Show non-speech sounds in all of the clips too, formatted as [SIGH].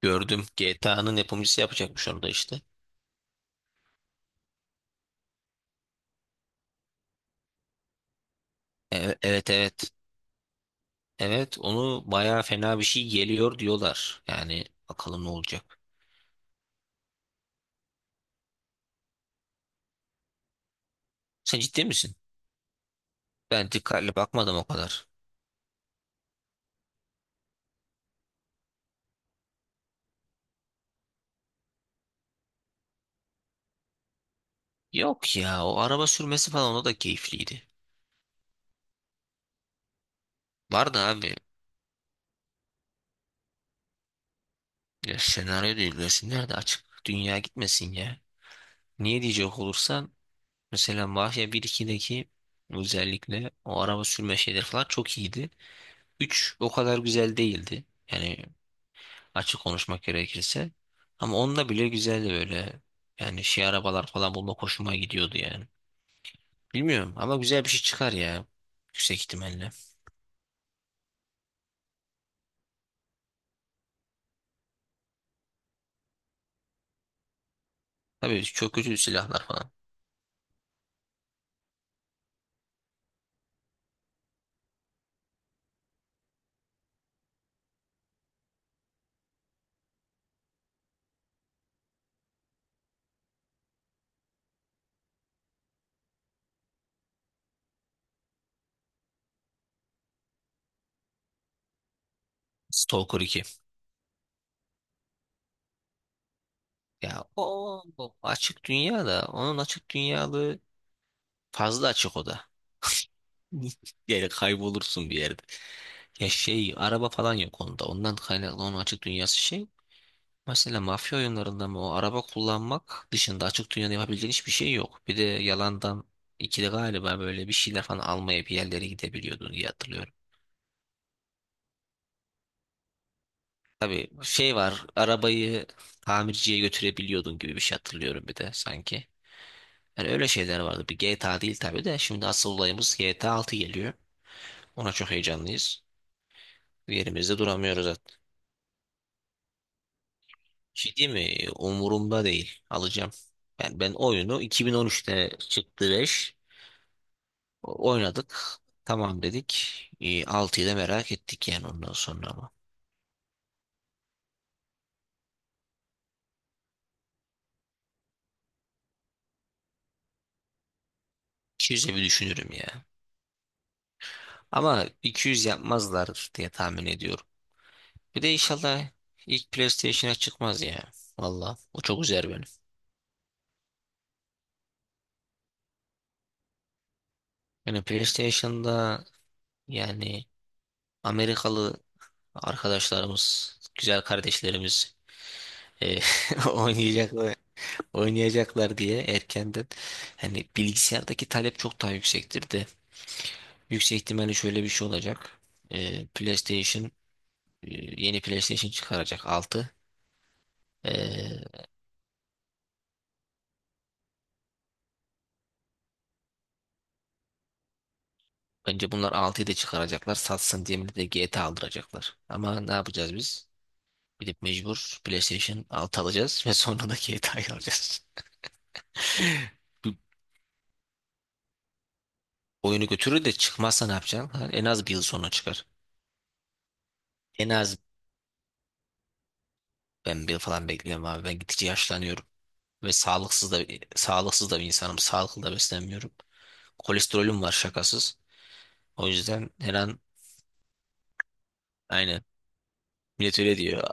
Gördüm. GTA'nın yapımcısı yapacakmış onu da işte. Evet evet. Evet, evet onu bayağı fena bir şey geliyor diyorlar. Yani bakalım ne olacak. Sen ciddi misin? Ben dikkatli bakmadım o kadar. Yok ya, o araba sürmesi falan o da keyifliydi. Vardı abi. Ya senaryo değil, resimler de açık. Dünya gitmesin ya. Niye diyecek olursan mesela Mafya 1-2'deki özellikle o araba sürme şeyleri falan çok iyiydi. 3 o kadar güzel değildi. Yani açık konuşmak gerekirse. Ama onda bile güzeldi böyle. Yani şey, arabalar falan bulmak hoşuma gidiyordu yani. Bilmiyorum ama güzel bir şey çıkar ya. Yüksek ihtimalle. Tabii çok kötü silahlar falan. Stalker iki. Ya o açık dünya da, onun açık dünyalığı fazla açık o da. [LAUGHS] Yani kaybolursun bir yerde. Ya şey, araba falan yok onda. Ondan kaynaklı onun açık dünyası şey. Mesela mafya oyunlarında mı o araba kullanmak dışında açık dünyada yapabildiğin hiçbir şey yok. Bir de yalandan ikide galiba böyle bir şeyler falan almaya bir yerlere gidebiliyordun diye hatırlıyorum. Tabii şey var, arabayı tamirciye götürebiliyordun gibi bir şey hatırlıyorum bir de sanki. Yani öyle şeyler vardı. Bir GTA değil tabii de, şimdi asıl olayımız GTA 6 geliyor. Ona çok heyecanlıyız. Yerimizde duramıyoruz zaten. Şey, değil mi? Umurumda değil. Alacağım. Yani ben oyunu, 2013'te çıktı 5. Oynadık. Tamam dedik. 6'yı da merak ettik yani ondan sonra ama. 200'e bir düşünürüm ya. Ama 200 yapmazlar diye tahmin ediyorum. Bir de inşallah ilk PlayStation'a çıkmaz ya. Valla o çok üzer beni. Yani PlayStation'da, yani Amerikalı arkadaşlarımız, güzel kardeşlerimiz e, [LAUGHS] oynayacaklar, oynayacaklar diye erkenden, hani bilgisayardaki talep çok daha yüksektir de, yüksek ihtimalle şöyle bir şey olacak. PlayStation, e, yeni PlayStation çıkaracak 6. Ee, bence bunlar altıyı da çıkaracaklar. Satsın diye millet de GTA aldıracaklar. Ama ne yapacağız biz? Gidip mecbur PlayStation 6 alacağız [LAUGHS] ve sonra da GTA'yı alacağız. [LAUGHS] Bu oyunu götürür de çıkmazsa ne yapacaksın? Ha, en az bir yıl sonra çıkar. En az ben bir yıl falan bekliyorum abi. Ben gittikçe yaşlanıyorum. Ve sağlıksız da bir insanım. Sağlıklı da beslenmiyorum. Kolesterolüm var şakasız. O yüzden her an. Aynen. Millet öyle diyor.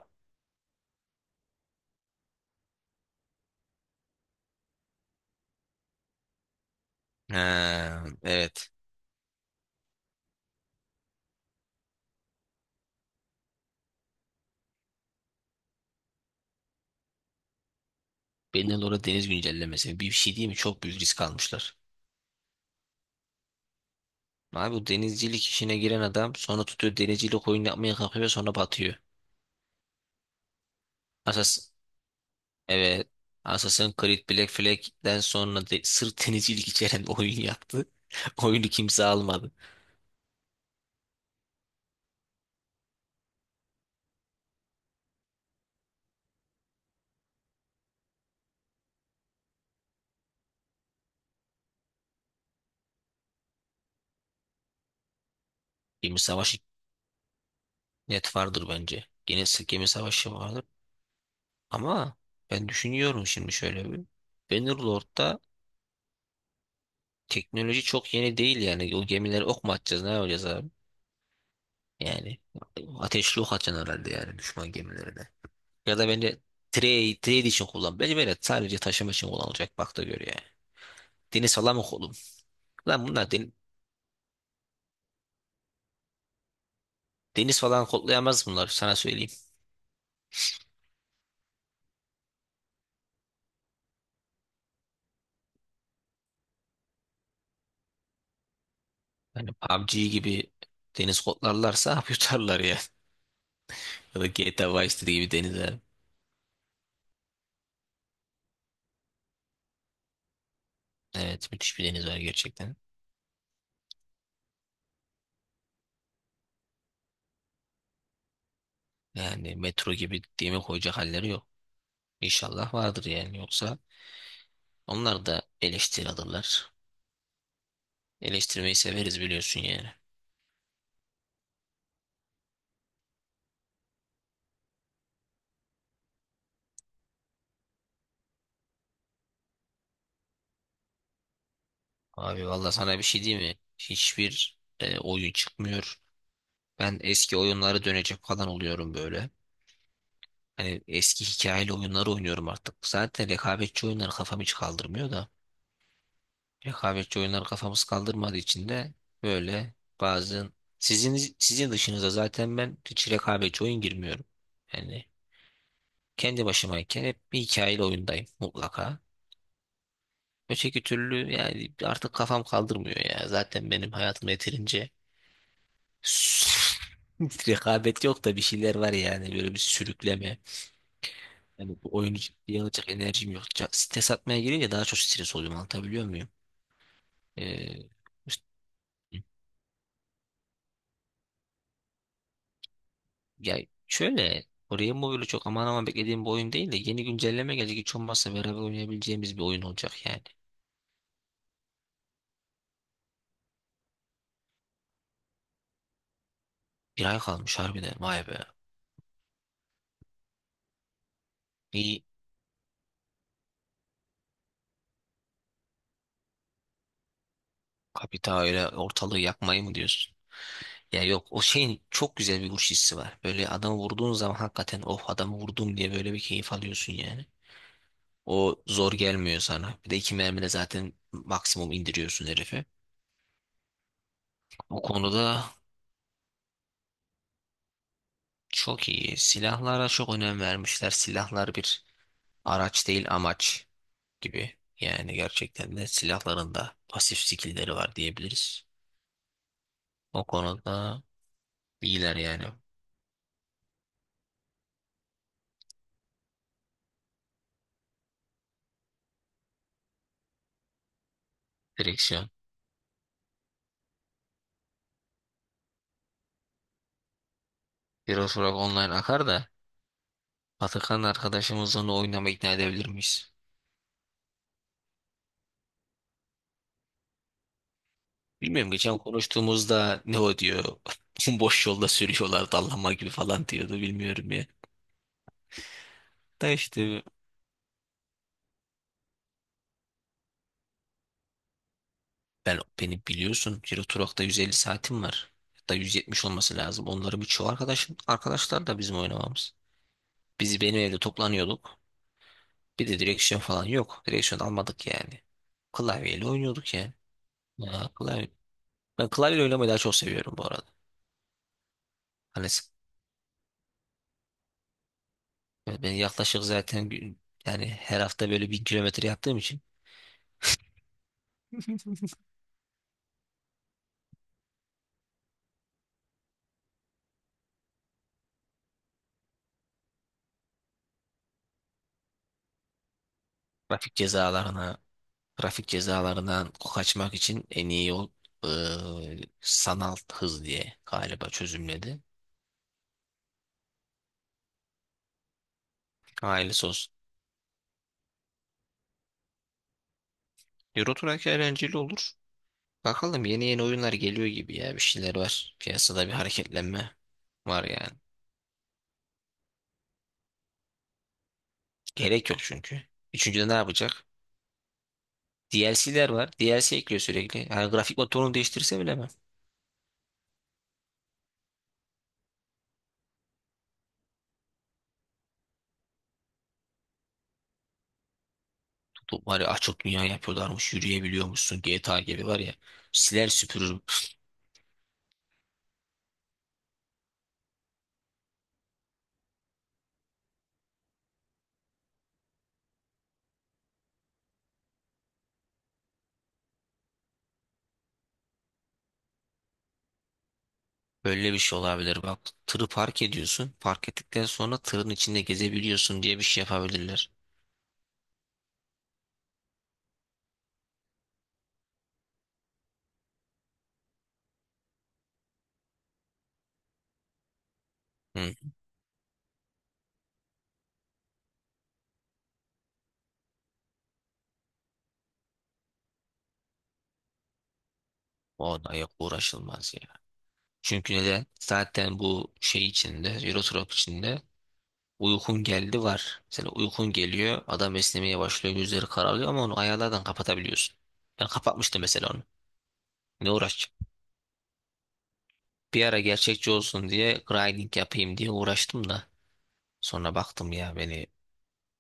Ha, evet. Bennelora deniz güncellemesi. Bir şey değil mi? Çok büyük risk almışlar. Abi, bu denizcilik işine giren adam sonra tutuyor denizcilik oyun yapmaya kalkıyor, sonra batıyor. Asas evet. Assassin's Creed Black Flag'den sonra de, sırf denizcilik içeren [LAUGHS] oyun yaptı. [LAUGHS] Oyunu kimse almadı. Gemi savaşı net vardır bence. Gene gemi savaşı vardır. Ama ben düşünüyorum şimdi şöyle bir. Bannerlord'da teknoloji çok yeni değil yani. O gemileri ok mu atacağız, ne yapacağız abi? Yani ateşli ok atacaksın herhalde yani düşman gemilerine. Ya da bence trade için kullan. Bence böyle sadece taşıma için kullanılacak, bak da gör ya. Deniz falan mı kolum? Lan bunlar deniz falan kodlayamaz bunlar, sana söyleyeyim. Yani PUBG gibi deniz kodlarlarsa [LAUGHS] yutarlar ya. Ya da GTA Vice City gibi deniz var. Evet, müthiş bir deniz var gerçekten. Yani metro gibi demir koyacak halleri yok. İnşallah vardır yani, yoksa onlar da eleştiri alırlar. Eleştirmeyi severiz biliyorsun yani. Abi valla sana bir şey diyeyim mi? Hiçbir oyun çıkmıyor. Ben eski oyunlara dönecek falan oluyorum böyle. Hani eski hikayeli oyunları oynuyorum artık. Zaten rekabetçi oyunlar kafam hiç kaldırmıyor da. Rekabetçi oyunlar kafamız kaldırmadığı için de böyle bazen, sizin dışınıza zaten ben hiç rekabetçi oyun girmiyorum. Yani kendi başımayken hep bir hikayeli oyundayım mutlaka. Öteki türlü yani artık kafam kaldırmıyor ya. Zaten benim hayatım yeterince [LAUGHS] rekabet yok da bir şeyler var yani, böyle bir sürükleme. Yani bu oyunu ciddiye alacak enerjim yok. Stres atmaya girince daha çok stres oluyorum, anlatabiliyor muyum? Ee, işte- ya şöyle, oraya Mobile'ı çok aman aman beklediğim bir oyun değil de yeni güncelleme gelecek, hiç olmazsa beraber oynayabileceğimiz bir oyun olacak yani. Bir ay kalmış harbiden, vay be. İyi, kapita öyle ortalığı yakmayı mı diyorsun? Ya yok, o şeyin çok güzel bir vuruş hissi var. Böyle adamı vurduğun zaman hakikaten, of, adamı vurdum diye böyle bir keyif alıyorsun yani. O zor gelmiyor sana. Bir de iki mermide zaten maksimum indiriyorsun herifi. Bu konuda çok iyi. Silahlara çok önem vermişler. Silahlar bir araç değil, amaç gibi. Yani gerçekten de silahların da pasif skill'leri var diyebiliriz. O konuda iyiler yani. Direksiyon. Heroes Rock Online akar da, Atakan arkadaşımızla onu oynama ikna edebilir miyiz? Bilmiyorum, geçen konuştuğumuzda ne o diyor. [LAUGHS] Boş yolda sürüyorlar dallama gibi falan diyordu, bilmiyorum ya. Da işte, beni biliyorsun, Giro Truck'ta 150 saatim var. Hatta 170 olması lazım. Onların birçoğu arkadaşım, arkadaşlar da bizim oynamamız. Biz benim evde toplanıyorduk. Bir de direksiyon falan yok. Direksiyon almadık yani. Klavyeyle oynuyorduk yani. Ya, klavye. Ben klavye oynamayı daha çok seviyorum bu arada. Hani ben yaklaşık, zaten yani her hafta böyle 1.000 kilometre yaptığım için. [LAUGHS] Trafik cezalarına, trafik cezalarından kaçmak için en iyi yol sanal hız diye galiba çözümledi. Ailesi olsun. Euro Truck eğlenceli olur. Bakalım, yeni yeni oyunlar geliyor gibi ya. Bir şeyler var. Piyasada bir hareketlenme var yani. Gerek yok çünkü. Üçüncüde ne yapacak? DLC'ler var. DLC ekliyor sürekli. Yani grafik motorunu değiştirse bile mi? Tutup var ya, açık dünya yapıyorlarmış. Yürüyebiliyormuşsun. GTA gibi var ya. Siler süpürür. Böyle bir şey olabilir bak. Tırı park ediyorsun. Park ettikten sonra tırın içinde gezebiliyorsun diye bir şey yapabilirler. Hı. O da yok, uğraşılmaz ya. Çünkü neden? Zaten bu şey içinde, Euro Truck içinde uykun geldi var. Mesela uykun geliyor, adam esnemeye başlıyor, gözleri kararıyor ama onu ayarlardan kapatabiliyorsun. Ben kapatmıştım mesela onu. Ne uğraşacağım? Bir ara gerçekçi olsun diye grinding yapayım diye uğraştım da sonra baktım, ya, beni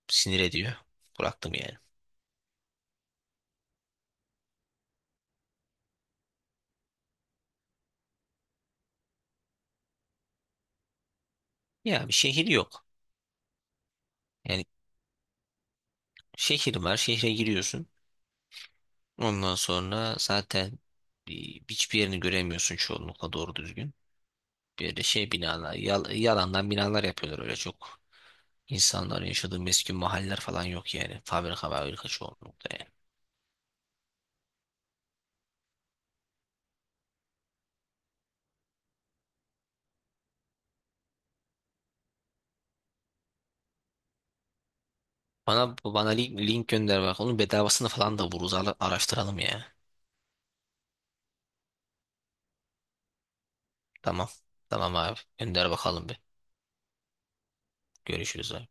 sinir ediyor. Bıraktım yani. Ya bir şehir yok. Yani şehir var. Şehre giriyorsun. Ondan sonra zaten e, hiçbir yerini göremiyorsun çoğunlukla doğru düzgün. Böyle şey binalar, yalandan binalar yapıyorlar öyle çok. İnsanların yaşadığı meskun mahalleler falan yok yani. Fabrika var, fabrika çoğunlukla yani. Bana link gönder bak. Onun bedavasını falan da buluruz. Araştıralım ya. Tamam. Tamam abi. Gönder bakalım bir. Görüşürüz abi.